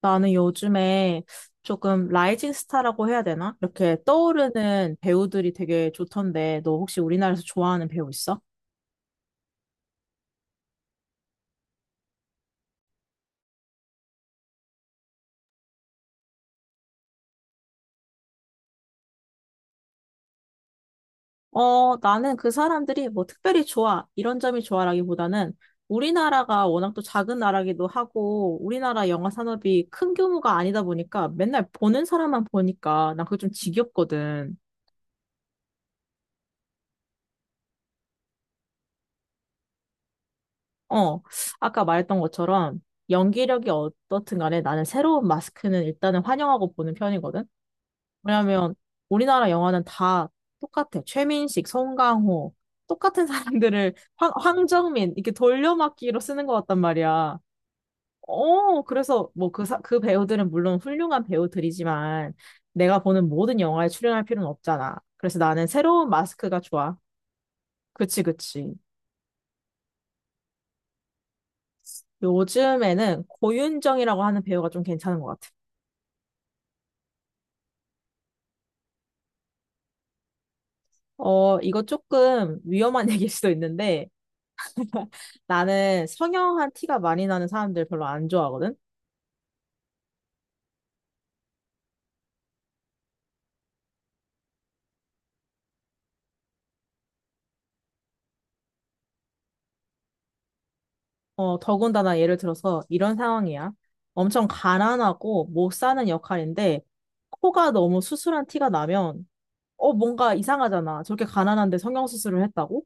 나는 요즘에 조금 라이징 스타라고 해야 되나? 이렇게 떠오르는 배우들이 되게 좋던데, 너 혹시 우리나라에서 좋아하는 배우 있어? 어, 나는 그 사람들이 뭐 특별히 좋아, 이런 점이 좋아라기보다는 우리나라가 워낙 또 작은 나라기도 하고, 우리나라 영화 산업이 큰 규모가 아니다 보니까 맨날 보는 사람만 보니까 난 그게 좀 지겹거든. 어, 아까 말했던 것처럼 연기력이 어떻든 간에 나는 새로운 마스크는 일단은 환영하고 보는 편이거든. 왜냐면 우리나라 영화는 다 똑같아. 최민식, 송강호, 똑같은 사람들을 황정민 이렇게 돌려막기로 쓰는 것 같단 말이야. 어, 그래서 뭐 그 배우들은 물론 훌륭한 배우들이지만 내가 보는 모든 영화에 출연할 필요는 없잖아. 그래서 나는 새로운 마스크가 좋아. 그치, 그치. 요즘에는 고윤정이라고 하는 배우가 좀 괜찮은 것 같아. 어, 이거 조금 위험한 얘기일 수도 있는데 나는 성형한 티가 많이 나는 사람들 별로 안 좋아하거든. 어, 더군다나 예를 들어서 이런 상황이야. 엄청 가난하고 못 사는 역할인데 코가 너무 수술한 티가 나면 어, 뭔가 이상하잖아. 저렇게 가난한데 성형수술을 했다고?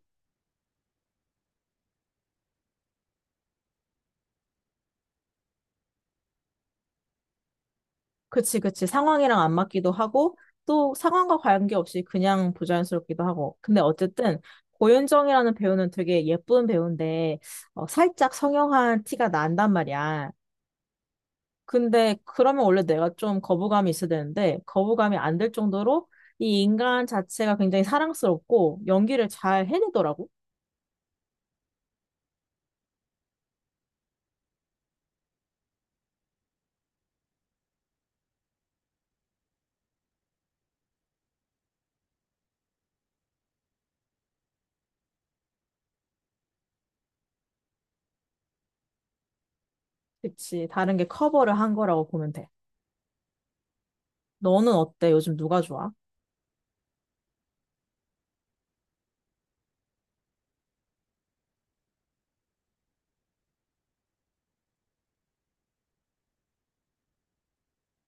그치, 그치. 상황이랑 안 맞기도 하고 또 상황과 관계없이 그냥 부자연스럽기도 하고. 근데 어쨌든 고윤정이라는 배우는 되게 예쁜 배우인데 어, 살짝 성형한 티가 난단 말이야. 근데 그러면 원래 내가 좀 거부감이 있어야 되는데 거부감이 안 될 정도로 이 인간 자체가 굉장히 사랑스럽고 연기를 잘 해내더라고. 그치. 다른 게 커버를 한 거라고 보면 돼. 너는 어때? 요즘 누가 좋아?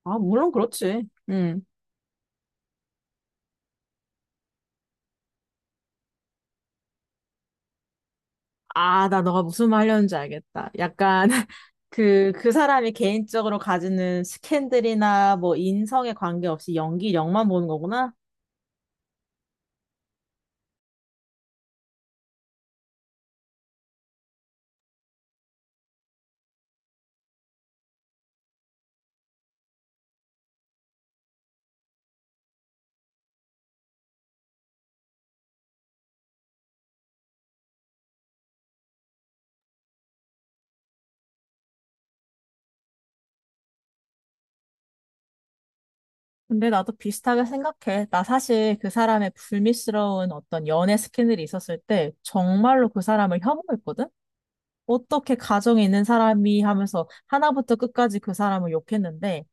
아, 물론 그렇지. 음. 아, 나 너가 무슨 말 하려는지 알겠다. 약간 그 사람이 개인적으로 가지는 스캔들이나 뭐 인성에 관계없이 연기력만 보는 거구나. 근데 나도 비슷하게 생각해. 나 사실 그 사람의 불미스러운 어떤 연애 스캔들이 있었을 때 정말로 그 사람을 혐오했거든? 어떻게 가정에 있는 사람이 하면서 하나부터 끝까지 그 사람을 욕했는데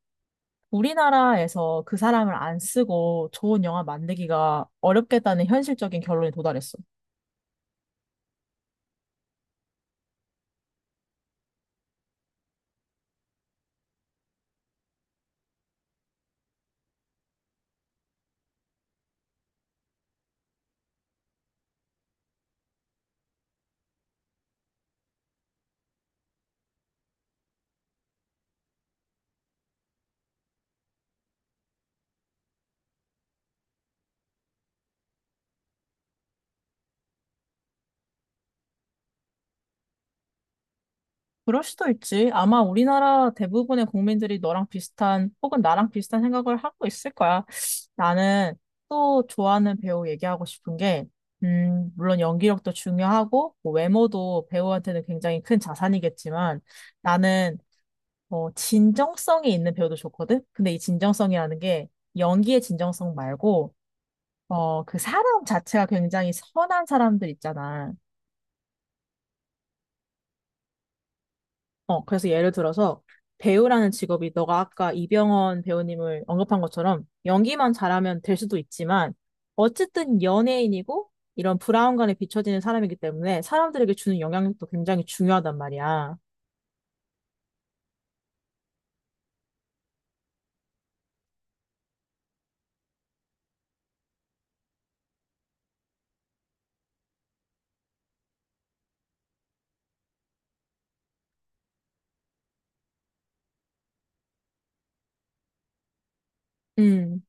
우리나라에서 그 사람을 안 쓰고 좋은 영화 만들기가 어렵겠다는 현실적인 결론에 도달했어. 그럴 수도 있지. 아마 우리나라 대부분의 국민들이 너랑 비슷한 혹은 나랑 비슷한 생각을 하고 있을 거야. 나는 또 좋아하는 배우 얘기하고 싶은 게, 물론 연기력도 중요하고, 뭐 외모도 배우한테는 굉장히 큰 자산이겠지만, 나는, 어, 진정성이 있는 배우도 좋거든? 근데 이 진정성이라는 게, 연기의 진정성 말고, 어, 그 사람 자체가 굉장히 선한 사람들 있잖아. 어, 그래서 예를 들어서 배우라는 직업이 너가 아까 이병헌 배우님을 언급한 것처럼 연기만 잘하면 될 수도 있지만 어쨌든 연예인이고 이런 브라운관에 비춰지는 사람이기 때문에 사람들에게 주는 영향력도 굉장히 중요하단 말이야. 음,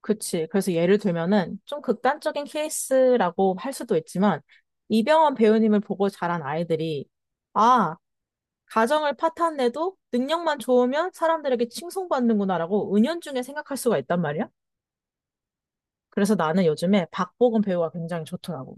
그치. 그래서 예를 들면은 좀 극단적인 케이스라고 할 수도 있지만 이병헌 배우님을 보고 자란 아이들이 아, 가정을 파탄 내도 능력만 좋으면 사람들에게 칭송받는구나라고 은연중에 생각할 수가 있단 말이야. 그래서 나는 요즘에 박보검 배우가 굉장히 좋더라고.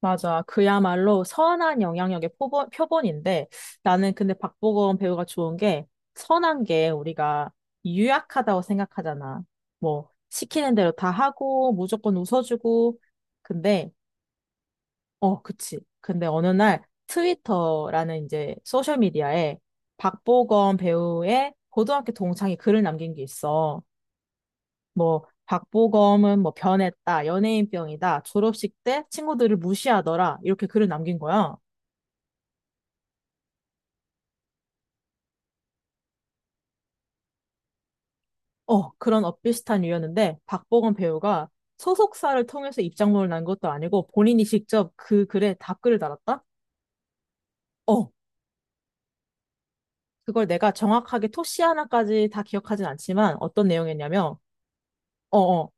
맞아. 그야말로 선한 영향력의 표본인데 나는 근데 박보검 배우가 좋은 게 선한 게 우리가 유약하다고 생각하잖아. 뭐 시키는 대로 다 하고 무조건 웃어주고 근데 그치. 근데 어느 날 트위터라는 이제 소셜 미디어에 박보검 배우의 고등학교 동창이 글을 남긴 게 있어. 뭐 박보검은 뭐 변했다, 연예인병이다, 졸업식 때 친구들을 무시하더라 이렇게 글을 남긴 거야. 어, 그런 엇비슷한 이유였는데 박보검 배우가 소속사를 통해서 입장문을 난 것도 아니고 본인이 직접 그 글에 답글을 달았다? 어, 그걸 내가 정확하게 토씨 하나까지 다 기억하진 않지만 어떤 내용이었냐면 어어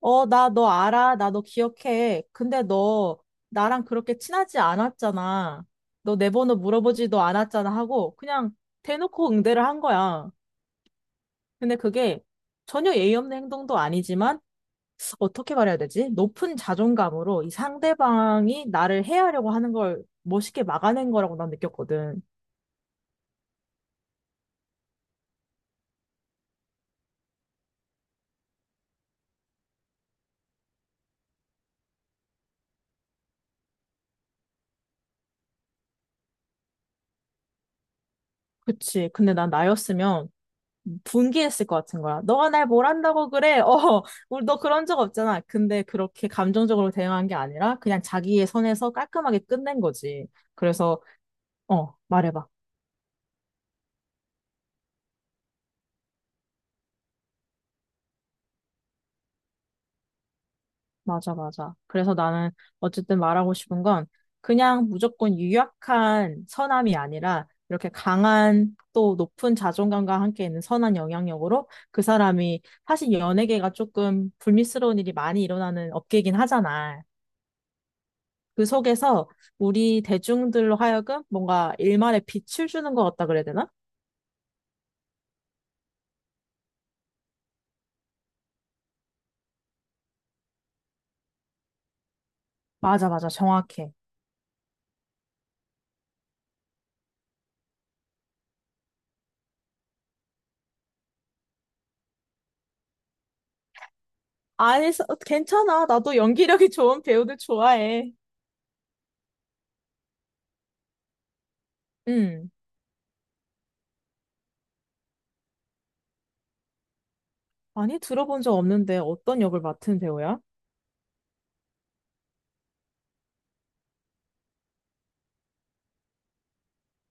어, 나 너 알아. 나 너 기억해. 근데 너 나랑 그렇게 친하지 않았잖아. 너 내 번호 물어보지도 않았잖아 하고 그냥 대놓고 응대를 한 거야. 근데 그게 전혀 예의 없는 행동도 아니지만 어떻게 말해야 되지? 높은 자존감으로 이 상대방이 나를 해하려고 하는 걸 멋있게 막아낸 거라고 난 느꼈거든. 그치. 근데 난 나였으면 분개했을 것 같은 거야. 너가 날 뭘 한다고 그래? 어, 우리 너 그런 적 없잖아. 근데 그렇게 감정적으로 대응한 게 아니라 그냥 자기의 선에서 깔끔하게 끝낸 거지. 그래서, 어, 말해봐. 맞아, 맞아. 그래서 나는 어쨌든 말하고 싶은 건 그냥 무조건 유약한 선함이 아니라 이렇게 강한 또 높은 자존감과 함께 있는 선한 영향력으로 그 사람이 사실 연예계가 조금 불미스러운 일이 많이 일어나는 업계이긴 하잖아. 그 속에서 우리 대중들로 하여금 뭔가 일말의 빛을 주는 것 같다 그래야 되나? 맞아, 맞아. 정확해. 아니, 괜찮아. 나도 연기력이 좋은 배우들 좋아해. 음. 아니, 들어본 적 없는데 어떤 역을 맡은 배우야?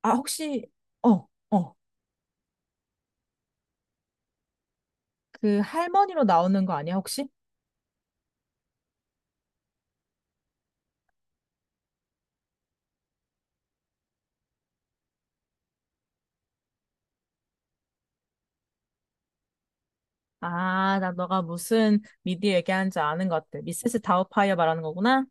아, 혹시, 어, 어. 그 할머니로 나오는 거 아니야, 혹시? 아, 나 너가 무슨 미디 얘기하는지 아는 것 같아. 미세스 다우파이어 말하는 거구나?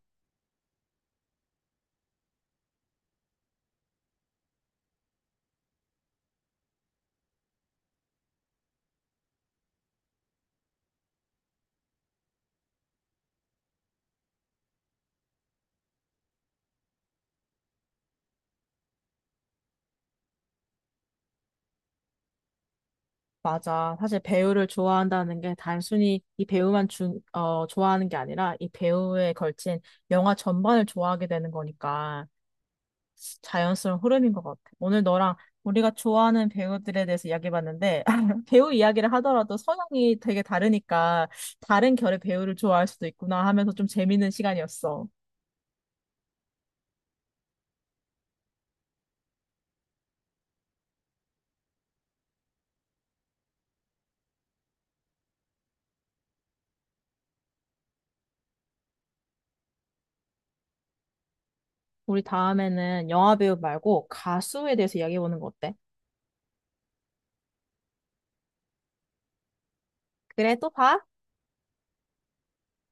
맞아. 사실 배우를 좋아한다는 게 단순히 이 배우만 어, 좋아하는 게 아니라 이 배우에 걸친 영화 전반을 좋아하게 되는 거니까 자연스러운 흐름인 것 같아. 오늘 너랑 우리가 좋아하는 배우들에 대해서 이야기해봤는데 배우 이야기를 하더라도 성향이 되게 다르니까 다른 결의 배우를 좋아할 수도 있구나 하면서 좀 재밌는 시간이었어. 우리 다음에는 영화 배우 말고 가수에 대해서 이야기해보는 거 어때? 그래, 또 봐.